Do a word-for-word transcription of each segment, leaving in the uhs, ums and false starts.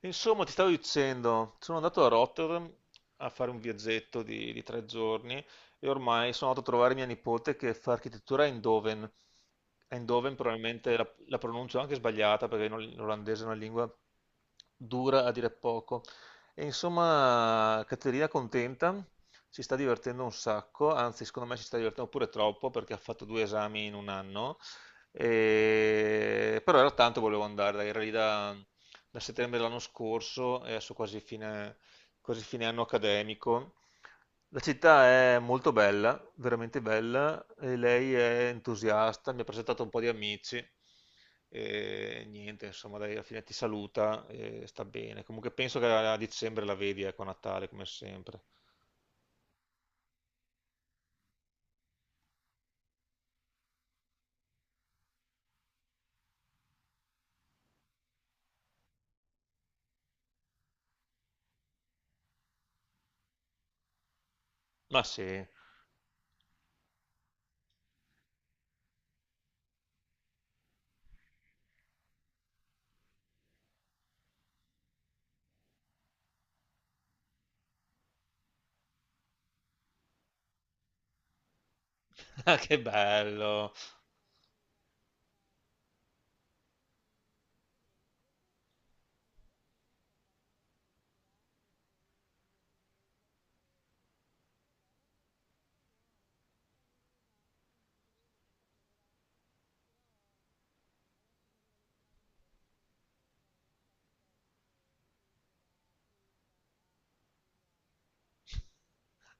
Insomma, ti stavo dicendo, sono andato a Rotterdam a fare un viaggetto di, di tre giorni e ormai sono andato a trovare mia nipote che fa architettura a Eindhoven. Eindhoven probabilmente la, la pronuncio anche sbagliata perché l'ol- l'olandese è una lingua dura a dire poco. E insomma, Caterina è contenta, si sta divertendo un sacco, anzi secondo me si sta divertendo pure troppo perché ha fatto due esami in un anno. E- Però era tanto che volevo andare, dai, era lì da da settembre dell'anno scorso e adesso quasi fine, quasi fine anno accademico. La città è molto bella, veramente bella, e lei è entusiasta, mi ha presentato un po' di amici e niente, insomma, dai, alla fine ti saluta e sta bene. Comunque penso che a dicembre la vedi, ecco, a Natale, come sempre. Ma sì, ah, che bello!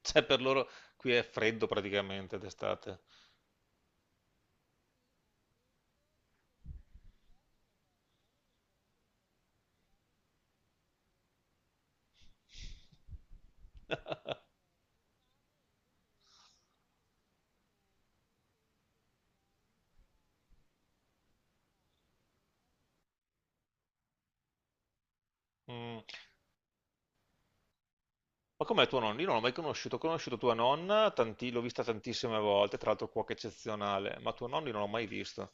Cioè, per loro qui è freddo praticamente d'estate. Mm. Ma com'è tuo nonno? Io non l'ho mai conosciuto, ho conosciuto tua nonna, tanti- l'ho vista tantissime volte, tra l'altro cuoca eccezionale, ma tuo nonno io non l'ho mai visto.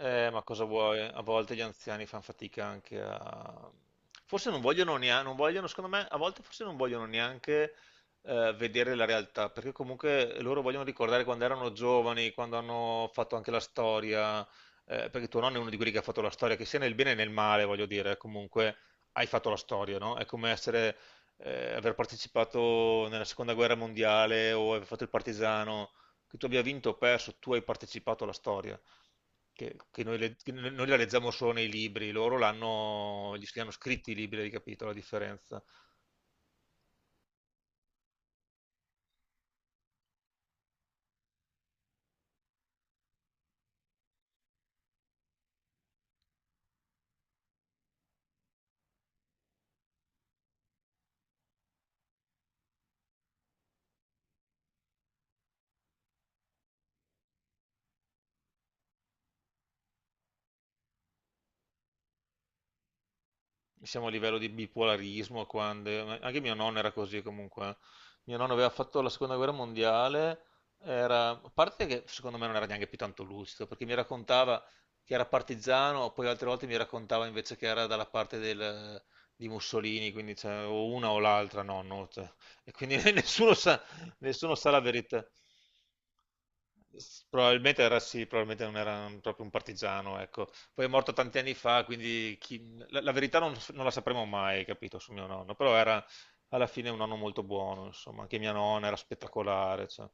Eh, ma cosa vuoi? A volte gli anziani fanno fatica anche a... Forse non vogliono neanche, non vogliono, secondo me, a volte forse non vogliono neanche eh, vedere la realtà, perché comunque loro vogliono ricordare quando erano giovani, quando hanno fatto anche la storia, eh, perché tuo nonno è uno di quelli che ha fatto la storia, che sia nel bene e nel male, voglio dire, comunque hai fatto la storia, no? È come essere, eh, aver partecipato nella seconda guerra mondiale o aver fatto il partigiano, che tu abbia vinto o perso, tu hai partecipato alla storia che, che noi, le- che noi la leggiamo solo nei libri, loro l'hanno, gli, hanno scritti i libri, hai capito la differenza? siamo a livello di bipolarismo, quando, anche mio nonno era così comunque. Mio nonno aveva fatto la seconda guerra mondiale, era, a parte che secondo me non era neanche più tanto lucido, perché mi raccontava che era partigiano, poi altre volte mi raccontava invece che era dalla parte del- di Mussolini, quindi cioè, o una o l'altra, nonno, cioè. E quindi nessuno sa, nessuno sa la verità. Probabilmente era sì, probabilmente non era proprio un partigiano, ecco poi è morto tanti anni fa, quindi chi- la, la verità non, non la sapremo mai, capito, su mio nonno, però era alla fine un nonno molto buono, insomma, anche mia nonna era spettacolare, cioè.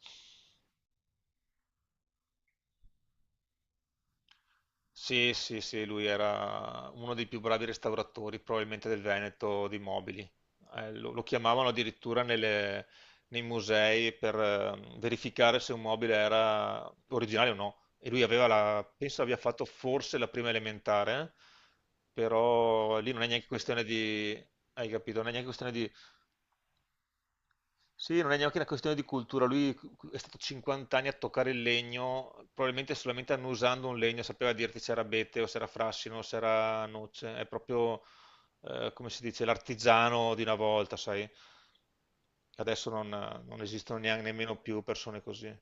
Sì, sì, sì, lui era uno dei più bravi restauratori probabilmente del Veneto di mobili. Eh, lo, lo chiamavano addirittura nelle- nei musei per eh, verificare se un mobile era originale o no. E lui aveva la, penso abbia fatto forse la prima elementare, però lì non è neanche questione di, hai capito, non è neanche questione di sì, non è neanche una questione di cultura, lui è stato cinquanta anni a toccare il legno, probabilmente solamente annusando un legno sapeva dirti se era abete o se era frassino o se era noce, è proprio eh, come si dice l'artigiano di una volta, sai? Adesso non, non, esistono neanche nemmeno più persone così.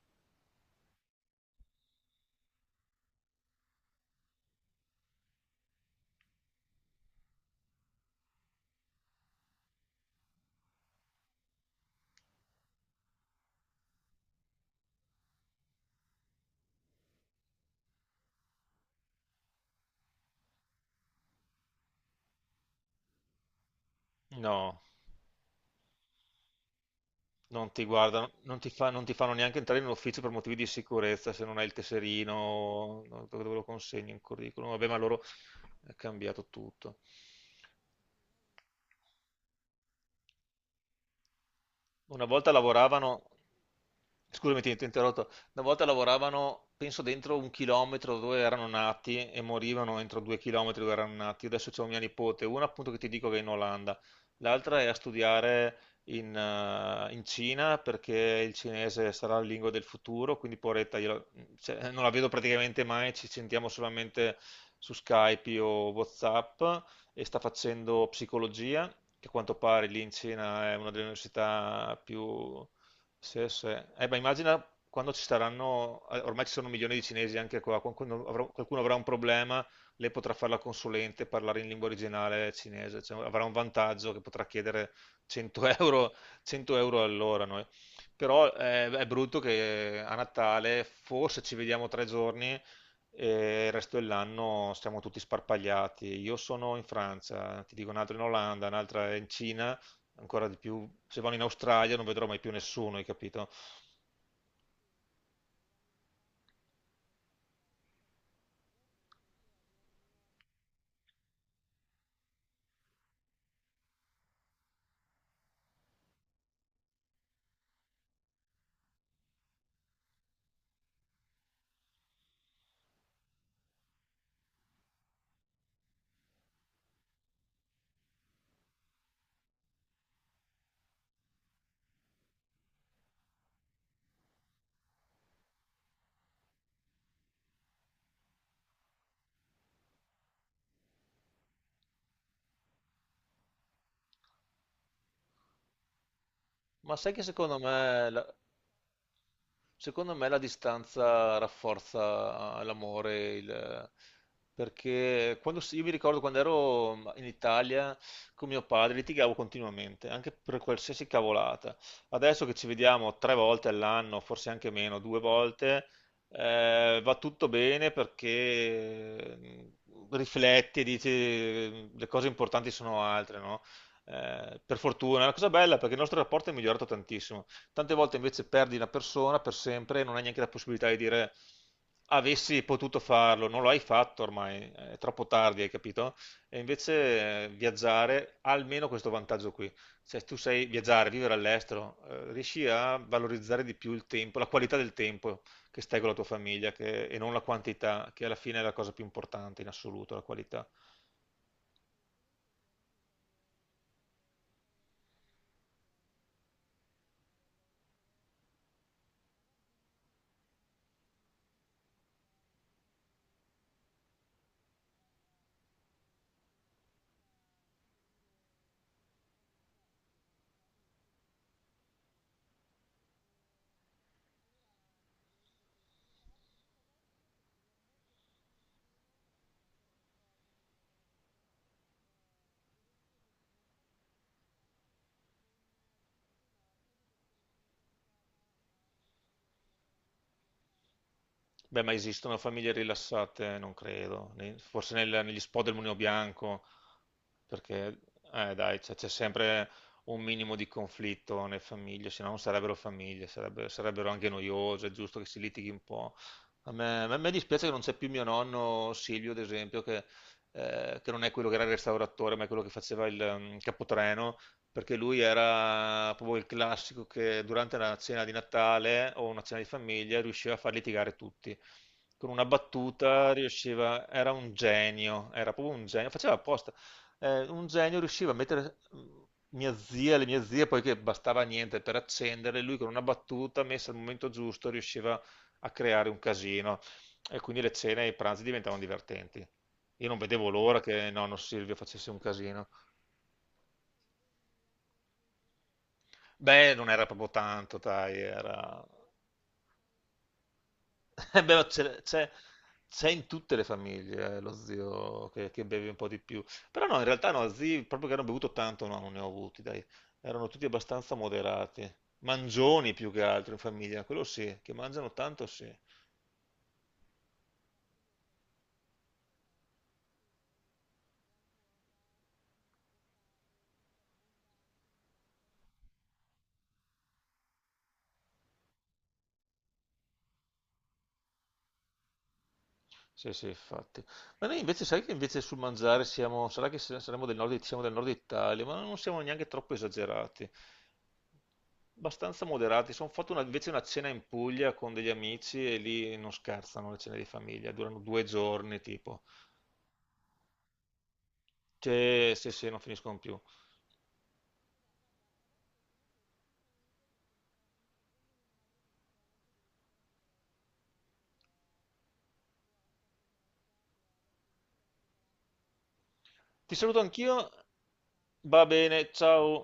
No, non ti guardano, non ti fa- non ti fanno neanche entrare in un ufficio per motivi di sicurezza se non hai il tesserino, no, dove dove lo consegni un curriculum. Vabbè, ma loro è cambiato tutto. Una volta lavoravano, scusami, ti ti ho interrotto, una volta lavoravano, penso, dentro un chilometro dove erano nati e morivano entro due chilometri dove erano nati. Adesso c'è mia nipote, una appunto che ti dico che è in Olanda, l'altra è a studiare in, eh, in Cina perché il cinese sarà la lingua del futuro, quindi poveretta, io la- cioè, non la vedo praticamente mai, ci sentiamo solamente su Skype o WhatsApp e sta facendo psicologia, che a quanto pare lì in Cina è una delle università più... Sì, sì. Eh, beh, immagina quando ci saranno, eh, ormai ci sono milioni di cinesi anche qua, qualcuno avrà, qualcuno avrà un problema, lei potrà fare la consulente e parlare in lingua originale cinese, cioè, avrà un vantaggio che potrà chiedere cento euro, cento euro all'ora noi. Però eh, è brutto che a Natale forse ci vediamo tre giorni e il resto dell'anno stiamo tutti sparpagliati. Io sono in Francia, ti dico un'altra in Olanda, un'altra in Cina, ancora di più. Se vanno in Australia non vedrò mai più nessuno, hai capito? Ma sai che secondo me la- Secondo me la distanza rafforza eh, l'amore, il- perché quando, si- io mi ricordo quando ero mhmm, in Italia con mio padre litigavo continuamente, anche per qualsiasi cavolata. Adesso che ci vediamo tre volte all'anno, forse anche meno, due volte, eh, va tutto bene perché mm, rifletti e dici mhmm, le cose importanti sono altre, no? Eh, per fortuna, è una cosa bella perché il nostro rapporto è migliorato tantissimo. Tante volte invece perdi la persona per sempre e non hai neanche la possibilità di dire avessi potuto farlo, non lo hai fatto ormai, è troppo tardi, hai capito? E invece eh, viaggiare ha almeno questo vantaggio qui. Cioè, tu sai viaggiare, vivere all'estero, eh, riesci a valorizzare di più il tempo, la qualità del tempo che stai con la tua famiglia che- e non la quantità, che alla fine è la cosa più importante in assoluto, la qualità. Beh, ma esistono famiglie rilassate? Non credo. Ne- Forse nel- negli spot del Mulino Bianco, perché, eh, dai, c'è c'è sempre un minimo di conflitto nelle famiglie, se no non sarebbero famiglie, sarebbe- sarebbero anche noiose, è giusto che si litighi un po'. A me, a me dispiace che non c'è più mio nonno Silvio, ad esempio, che, eh, che non è quello che era il restauratore, ma è quello che faceva il mm, capotreno perché lui era proprio il classico che durante una cena di Natale o una cena di famiglia riusciva a far litigare tutti. Con una battuta riusciva, era un genio, era proprio un genio, faceva apposta. Eh, un genio riusciva a mettere mm, mia zia, le mie zie, poiché bastava niente per accendere, lui con una battuta messa al momento giusto riusciva a creare un casino e quindi le cene e i pranzi diventavano divertenti. Io non vedevo l'ora che nonno Silvio facesse un casino. Beh, non era proprio tanto, dai, era... Beh, ma c'è c'è- c'è in tutte le famiglie eh, lo zio che, che beve un po' di più. Però no, in realtà no, zii proprio che hanno bevuto tanto, no, non ne ho avuti, dai. Erano tutti abbastanza moderati. Mangioni più che altro in famiglia, quello sì, che mangiano tanto sì. Sì, sì, infatti. Ma noi invece, sai che invece sul mangiare siamo, sarà che se- saremo del nord, siamo del nord Italia, ma non siamo neanche troppo esagerati, abbastanza moderati. Sono fatto una- invece una cena in Puglia con degli amici e lì non scherzano le cene di famiglia, durano due giorni tipo. Cioè, sì, sì, non finiscono più. Ti saluto anch'io, va bene, ciao.